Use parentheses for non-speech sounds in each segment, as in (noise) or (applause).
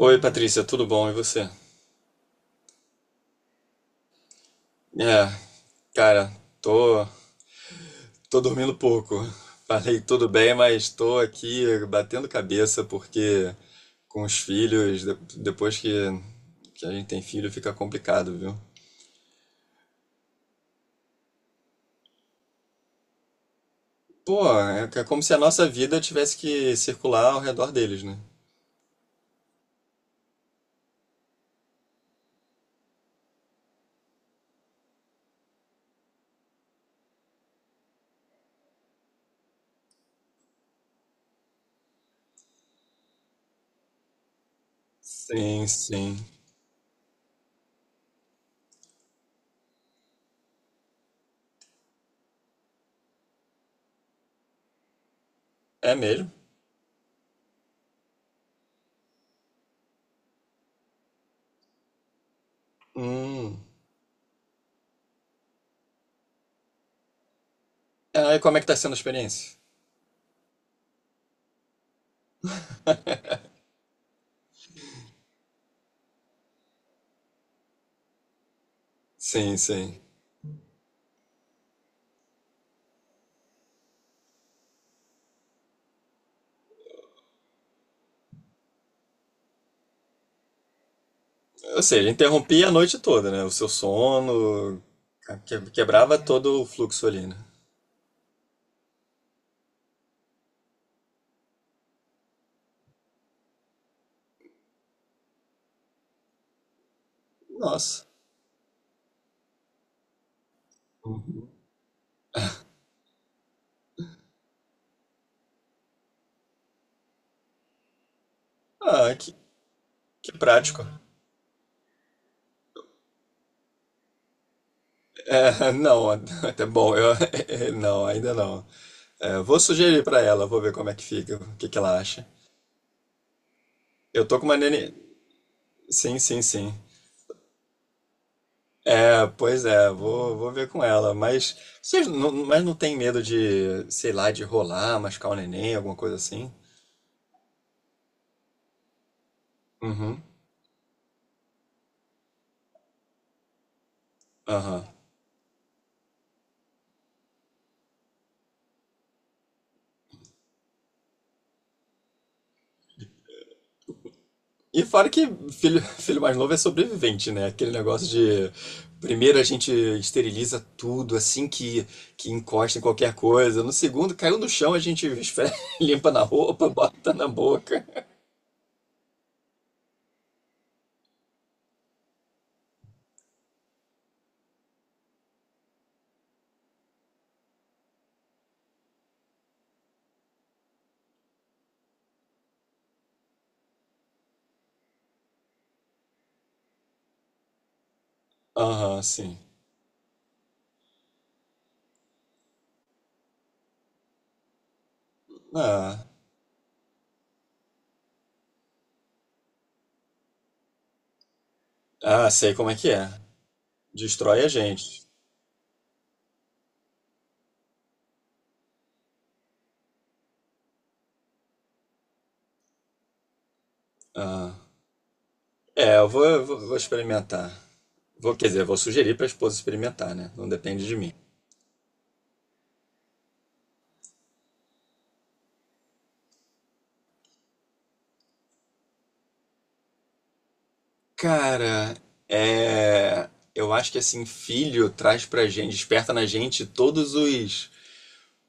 Oi, Patrícia, tudo bom? E você? É, cara, tô, tô dormindo pouco. (laughs) Falei tudo bem, mas tô aqui batendo cabeça porque com os filhos, depois que a gente tem filho, fica complicado, viu? Pô, é como se a nossa vida tivesse que circular ao redor deles, né? Sim, sim. É mesmo? Hum. Ah, e como é que tá sendo a experiência? Sim, sim. Ou seja, interrompia a noite toda, né? O seu sono, quebrava todo o fluxo ali, né? Nossa, ah, que, que prático. (laughs) Não, até bom, eu, (laughs) não, ainda não. É, vou sugerir pra ela, vou ver como é que fica, o que que ela acha. Eu tô com uma nene... Sim, sim, sim. É, pois é, vou ver com ela, mas vocês não, mas não tem medo de, sei lá, de rolar, machucar o neném, alguma coisa assim? Uhum, aham. E fora que filho, (laughs) filho mais novo é sobrevivente, né? Aquele negócio de primeiro a gente esteriliza tudo assim que encosta em qualquer coisa. No segundo, caiu no chão, a gente (laughs) limpa na roupa, (laughs) bota na boca. Aham, sim. Ah, ah, sei como é que é. Destrói a gente. Ah. É, eu vou, vou experimentar. Vou, quer dizer, vou sugerir para a esposa experimentar, né? Não depende de mim. Cara, é, eu acho que assim, filho traz pra gente, desperta na gente todos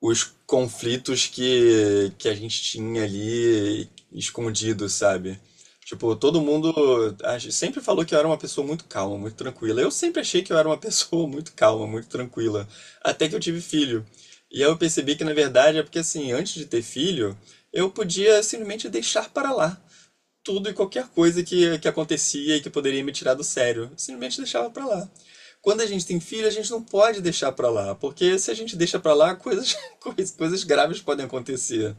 os conflitos que a gente tinha ali escondido, sabe? Tipo, todo mundo a gente sempre falou que eu era uma pessoa muito calma, muito tranquila. Eu sempre achei que eu era uma (laughs) pessoa muito calma, muito tranquila, até que eu tive filho. E aí eu percebi que na verdade é porque assim, antes de ter filho, eu podia simplesmente deixar para lá tudo e qualquer coisa que acontecia e que poderia me tirar do sério. Eu simplesmente deixava pra lá. Quando a gente tem filho, a gente não pode deixar pra lá, porque se a gente deixa pra lá, (laughs) coisas graves podem acontecer.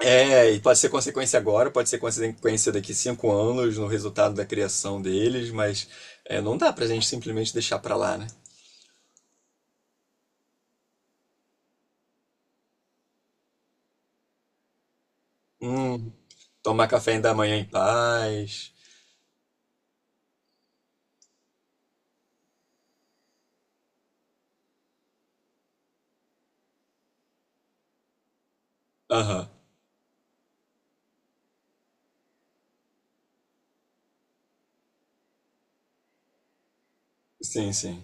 É, e pode ser consequência agora, pode ser consequência daqui cinco anos no resultado da criação deles, mas é, não dá pra gente simplesmente deixar pra lá, né? Hum, tomar café ainda amanhã em paz. Aham, sim, sim.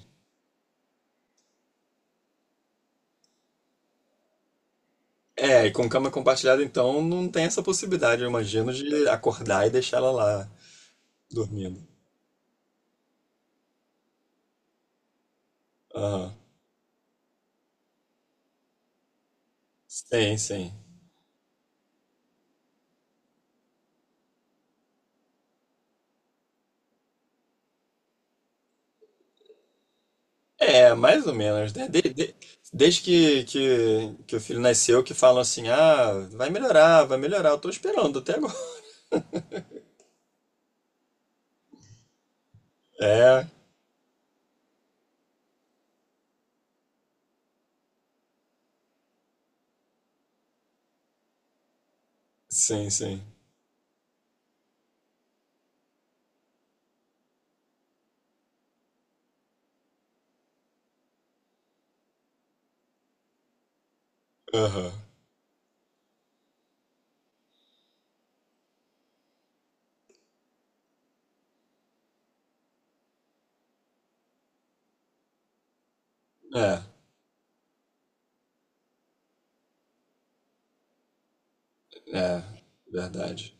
É, e com cama compartilhada, então, não tem essa possibilidade, eu imagino, de acordar e deixar ela lá, dormindo. Aham. Sim, sim. É, mais ou menos, né? Desde que o filho nasceu, que falam assim, ah, vai melhorar, eu tô esperando até agora. (laughs) É, sim, sim. Aham. É, É, verdade.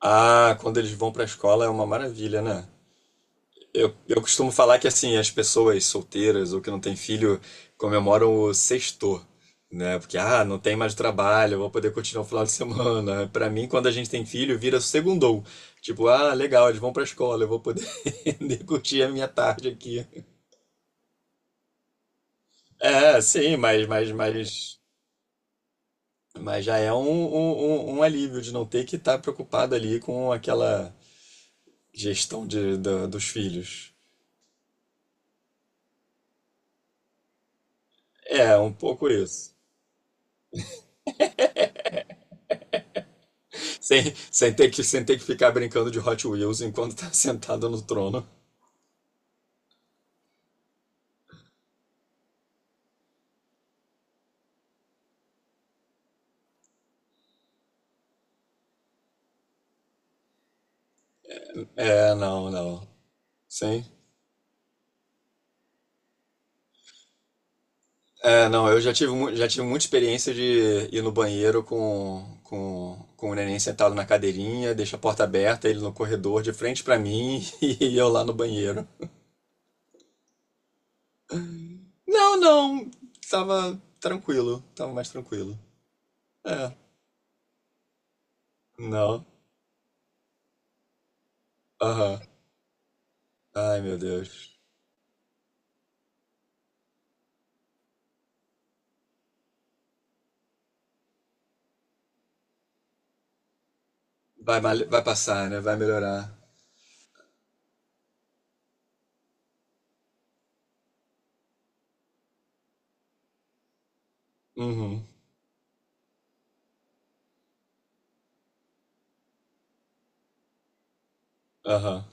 Ah, quando eles vão pra escola é uma maravilha, né? Eu costumo falar que assim, as pessoas solteiras ou que não têm filho comemoram o sexto, né? Porque ah, não tem mais trabalho, vou poder continuar o final de semana. (laughs) Pra mim, quando a gente tem filho, vira segundou. Tipo, ah, legal, eles vão pra escola, eu vou poder (laughs) curtir a minha tarde aqui. É, sim, mas já é um, um alívio de não ter que estar preocupado ali com aquela gestão de, dos filhos. É, um pouco isso. Sem, sem, ter sem ter que ficar brincando de Hot Wheels enquanto tá (laughs) sentado no trono. É, não, não. Sim. É, não, eu já tive, já tive muita experiência de ir no banheiro com o neném sentado na cadeirinha, deixa a porta aberta, ele no corredor de frente pra mim (laughs) e eu lá no banheiro. Não, não, tava tranquilo, tava mais tranquilo. É, não, aham. Ai, meu Deus. Vai passar, né? Vai melhorar. Uhum, aham.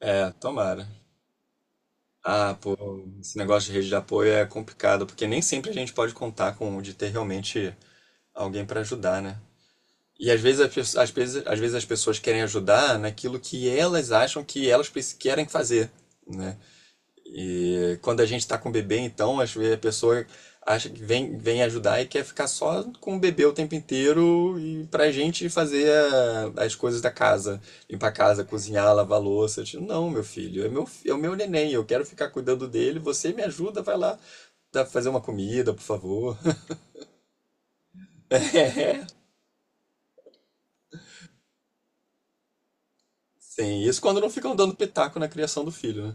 É, tomara. Ah, pô, esse negócio de rede de apoio é complicado, porque nem sempre a gente pode contar com de ter realmente alguém para ajudar, né? E às vezes, às vezes as pessoas querem ajudar naquilo que elas acham que elas querem fazer, né? E quando a gente está com o bebê, então, acho que a pessoa acha que vem ajudar e quer ficar só com o bebê o tempo inteiro e pra gente fazer as coisas da casa, limpar a casa, cozinhar, lavar louça. Eu digo, não, meu filho, é meu, é o meu neném, eu quero ficar cuidando dele, você me ajuda, vai lá fazer uma comida, por favor. (laughs) Sim, isso quando não ficam dando pitaco na criação do filho, né?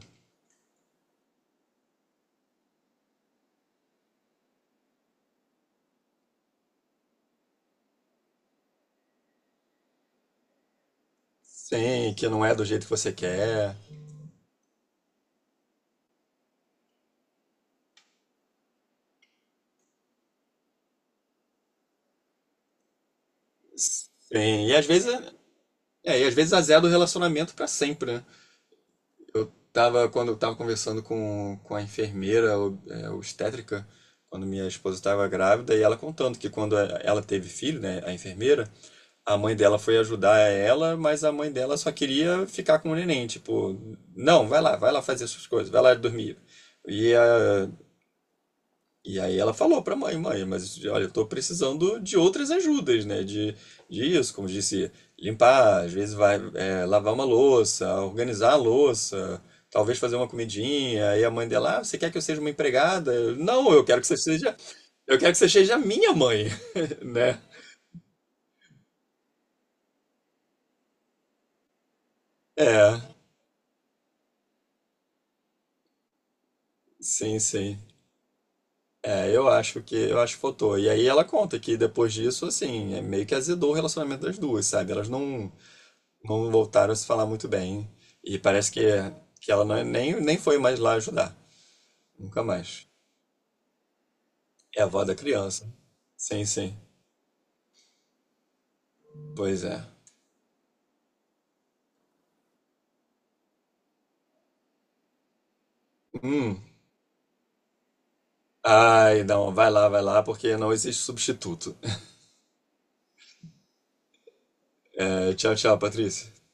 Sim, que não é do jeito que você quer. Sim, e às vezes, é, e às vezes azeda o relacionamento pra sempre, né? Eu tava, quando eu tava conversando com a enfermeira obstétrica, quando minha esposa estava grávida, e ela contando que quando ela teve filho, né, a enfermeira, a mãe dela foi ajudar ela, mas a mãe dela só queria ficar com o neném, tipo, não, vai lá fazer suas coisas, vai lá dormir. E a, e aí ela falou pra mãe, mãe, mas olha, eu tô precisando de outras ajudas, né? De isso, como disse, limpar, às vezes vai é, lavar uma louça, organizar a louça, talvez fazer uma comidinha. E a mãe dela, ah, você quer que eu seja uma empregada? Não, eu quero que você seja, eu quero que você seja minha mãe, (laughs) né? É, sim, sim. É, eu acho que faltou. E aí ela conta que depois disso, assim, é meio que azedou o relacionamento das duas, sabe? Elas não voltaram a se falar muito bem. E parece que ela não, nem foi mais lá ajudar. Nunca mais. É a avó da criança. Sim, sim. Pois é. Ai, não, vai lá, porque não existe substituto. (laughs) Tchau, tchau, Patrícia.